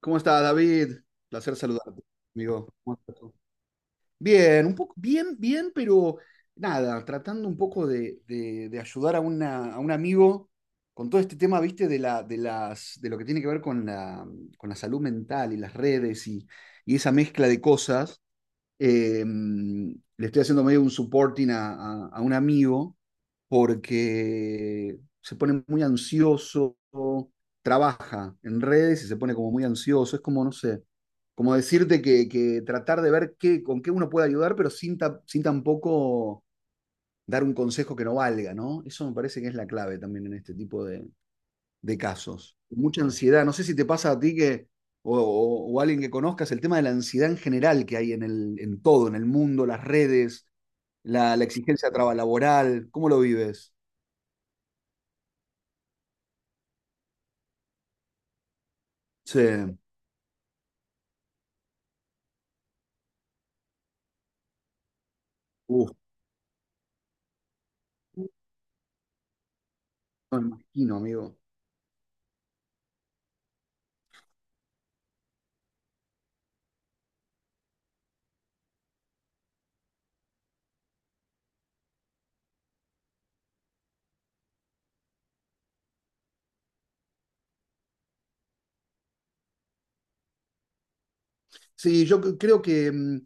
¿Cómo está, David? Placer saludarte, amigo. ¿Cómo estás tú? Bien, un poco, bien, bien, pero nada, tratando un poco de ayudar a, a un amigo con todo este tema, viste, de lo que tiene que ver con con la salud mental y las redes y esa mezcla de cosas. Le estoy haciendo medio un supporting a un amigo porque se pone muy ansioso, trabaja en redes y se pone como muy ansioso. Es como, no sé, como decirte que tratar de ver qué, con qué uno puede ayudar, pero sin tampoco dar un consejo que no valga, ¿no? Eso me parece que es la clave también en este tipo de casos, mucha ansiedad. No sé si te pasa a ti que, o a alguien que conozcas, el tema de la ansiedad en general que hay en todo, en el mundo, las redes, la exigencia laboral, ¿cómo lo vives? Sí. Uf, no me imagino, amigo. Sí, yo creo que mm,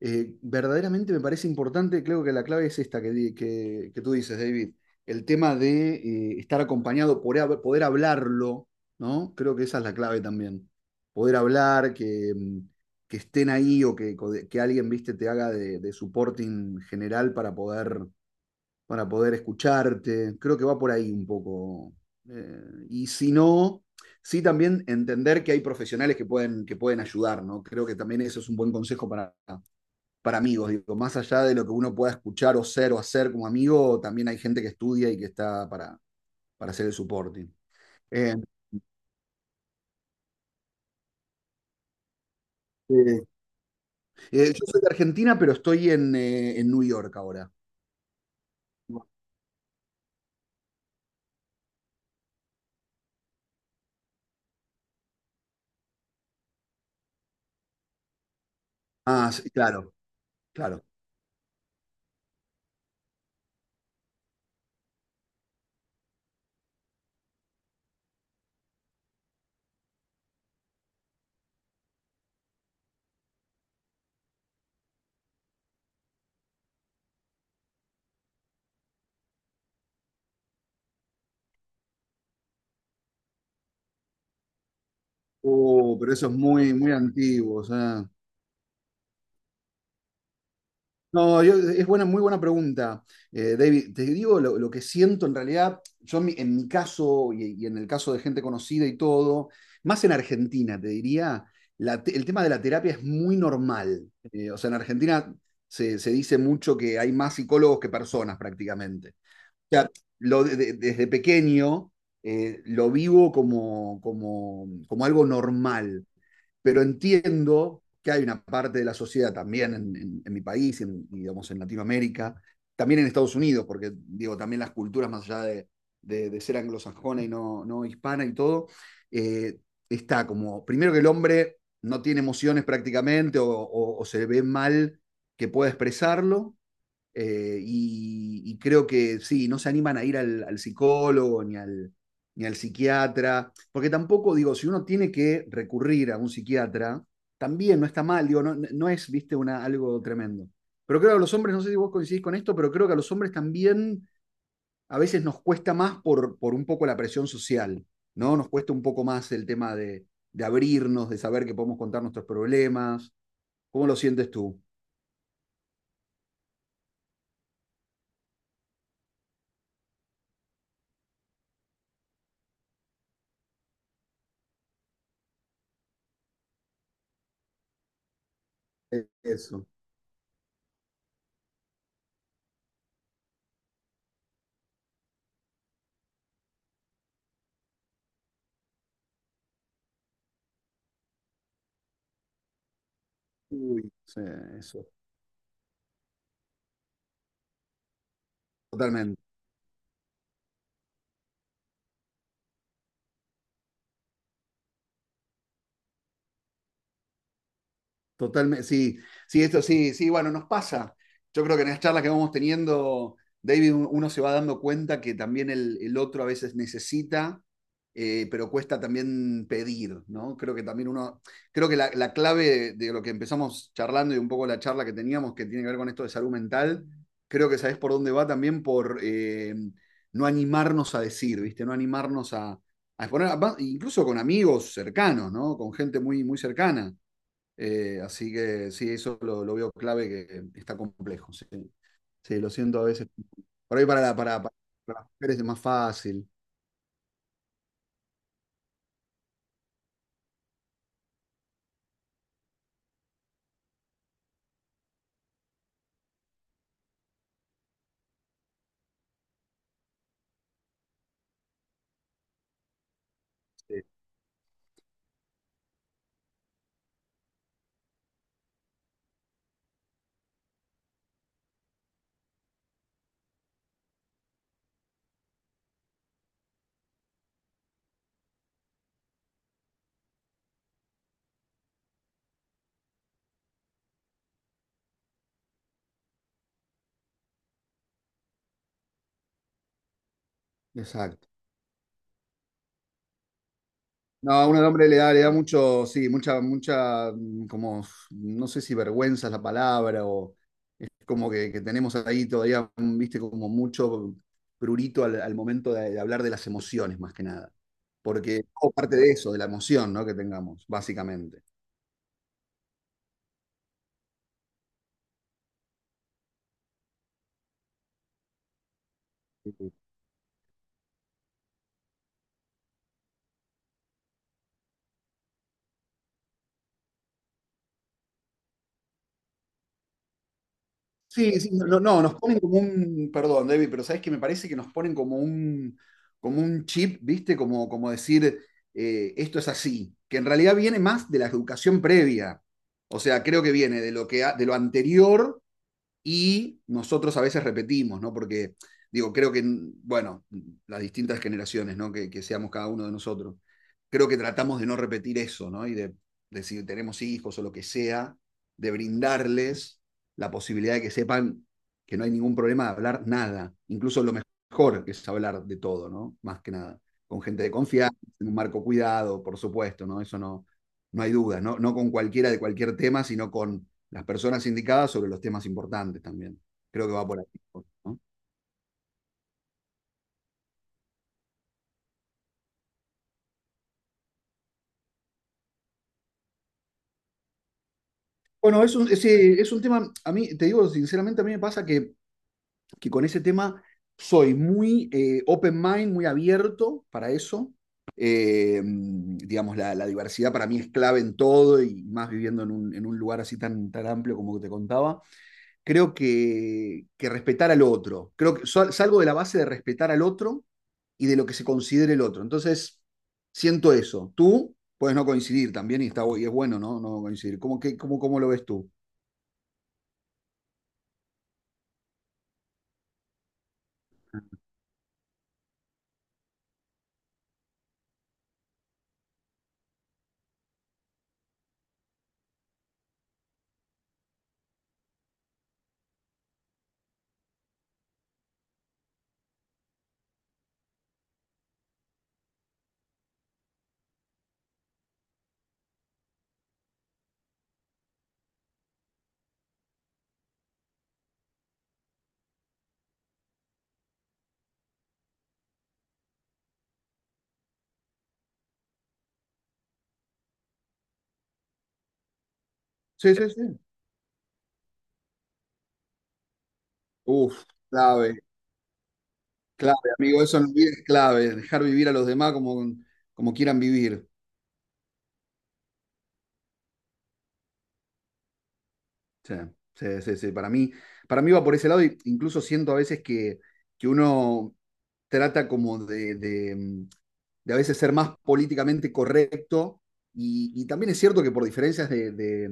eh, verdaderamente me parece importante. Creo que la clave es esta que tú dices, David, el tema de estar acompañado, poder hablarlo, ¿no? Creo que esa es la clave también. Poder hablar, que estén ahí o que alguien, viste, te haga de supporting general para poder escucharte. Creo que va por ahí un poco. Eh, y si no, sí también entender que hay profesionales que pueden ayudar, ¿no? Creo que también eso es un buen consejo para amigos. Digo, más allá de lo que uno pueda escuchar o ser o hacer como amigo, también hay gente que estudia y que está para hacer el supporting. Eh, eh, yo soy de Argentina, pero estoy en New York ahora. Ah, sí, claro, claro. Oh, pero eso es muy, muy antiguo. O sea. No, es buena, muy buena pregunta, David. Te digo lo que siento en realidad, yo en en mi caso y en el caso de gente conocida y todo, más en Argentina, te diría, el tema de la terapia es muy normal. O sea, en Argentina se dice mucho que hay más psicólogos que personas prácticamente. O sea, desde pequeño, lo vivo como, como algo normal, pero entiendo que hay una parte de la sociedad también en mi país, en, digamos, en Latinoamérica, también en Estados Unidos, porque digo, también las culturas más allá de, de ser anglosajona y no, no hispana y todo, eh, está como, primero que el hombre no tiene emociones prácticamente o se ve mal que pueda expresarlo, y creo que sí, no se animan a ir al, al psicólogo ni al, ni al psiquiatra, porque tampoco digo, si uno tiene que recurrir a un psiquiatra, también no está mal, digo, no es, viste, una, algo tremendo. Pero creo que a los hombres, no sé si vos coincidís con esto, pero creo que a los hombres también a veces nos cuesta más por un poco la presión social, ¿no? Nos cuesta un poco más el tema de abrirnos, de saber que podemos contar nuestros problemas. ¿Cómo lo sientes tú? Eso. Uy, sí, eso. Totalmente. Totalmente, sí, sí, esto sí, sí, bueno, nos pasa. Yo creo que en las charlas que vamos teniendo, David, uno se va dando cuenta que también el otro a veces necesita, pero cuesta también pedir, ¿no? Creo que también uno, creo que la clave de lo que empezamos charlando y un poco la charla que teníamos que tiene que ver con esto de salud mental, creo que sabés por dónde va también por no animarnos a decir, ¿viste? No animarnos a exponer, incluso con amigos cercanos, ¿no? Con gente muy, muy cercana, así que sí, eso lo veo clave, que está complejo. Sí. Sí, lo siento a veces. Por ahí para las mujeres es más fácil. Sí. Exacto. No, a un hombre le da mucho, sí, mucha, mucha, como, no sé si vergüenza es la palabra, o es como que tenemos ahí todavía, viste, como mucho prurito al momento de hablar de las emociones, más que nada. Porque es parte de eso, de la emoción, ¿no? Que tengamos, básicamente. Sí, sí, no, no, nos ponen como un, perdón, David, pero sabes que me parece que nos ponen como un chip, ¿viste? Como, como decir, esto es así, que en realidad viene más de la educación previa. O sea, creo que viene de lo que, de lo anterior y nosotros a veces repetimos, ¿no? Porque, digo, creo que, bueno, las distintas generaciones, ¿no? Que seamos cada uno de nosotros, creo que tratamos de no repetir eso, ¿no? Y de si tenemos hijos o lo que sea, de brindarles la posibilidad de que sepan que no hay ningún problema de hablar nada, incluso lo mejor que es hablar de todo, ¿no? Más que nada, con gente de confianza, en un marco cuidado, por supuesto, ¿no? Eso no, no hay duda, ¿no? No con cualquiera de cualquier tema, sino con las personas indicadas sobre los temas importantes también. Creo que va por ahí, ¿no? Bueno, es un tema, a mí, te digo sinceramente, a mí me pasa que con ese tema soy muy open mind, muy abierto para eso. Digamos, diversidad para mí es clave en todo y más viviendo en un lugar así tan, tan amplio como que te contaba. Creo que respetar al otro. Creo salgo de la base de respetar al otro y de lo que se considere el otro. Entonces, siento eso. Tú puedes no coincidir también y, está, y es bueno, ¿no? No coincidir. ¿Cómo lo ves tú? Sí, sí, sí. Uf, clave, clave, amigo. Eso no es clave. Dejar vivir a los demás como, como quieran vivir. Sí, sí, sí, sí. Para mí va por ese lado. E incluso siento a veces que uno trata como de a veces ser más políticamente correcto. Y también es cierto que por diferencias de,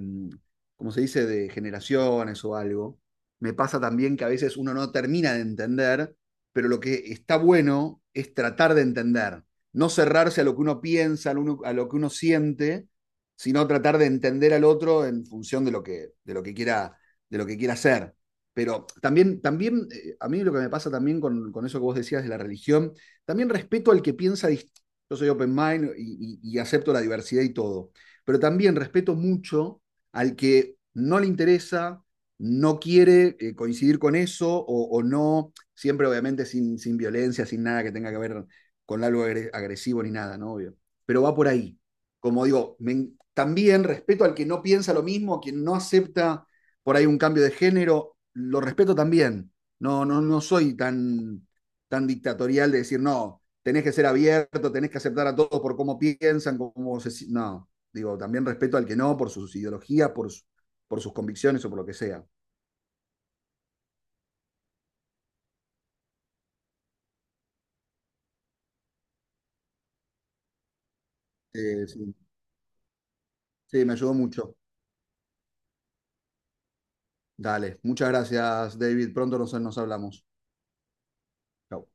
como se dice, de generaciones o algo, me pasa también que a veces uno no termina de entender, pero lo que está bueno es tratar de entender, no cerrarse a lo que uno piensa, a lo que uno siente, sino tratar de entender al otro en función de lo que quiera de lo que quiera hacer. Pero también, también a mí lo que me pasa también eso que vos decías de la religión, también respeto al que piensa di yo soy open mind y, y acepto la diversidad y todo. Pero también respeto mucho al que no le interesa, no quiere coincidir con eso o no, siempre obviamente sin violencia, sin nada que tenga que ver con algo agresivo ni nada, ¿no? Obvio. Pero va por ahí. Como digo, me, también respeto al que no piensa lo mismo, a quien no acepta por ahí un cambio de género, lo respeto también. No, no, no soy tan, tan dictatorial de decir, no, tenés que ser abierto, tenés que aceptar a todos por cómo piensan, cómo se... si-, No, digo, también respeto al que no, por sus ideologías, su, por sus convicciones o por lo que sea. Sí, sí, me ayudó mucho. Dale, muchas gracias, David, pronto nos, nos hablamos. Chao.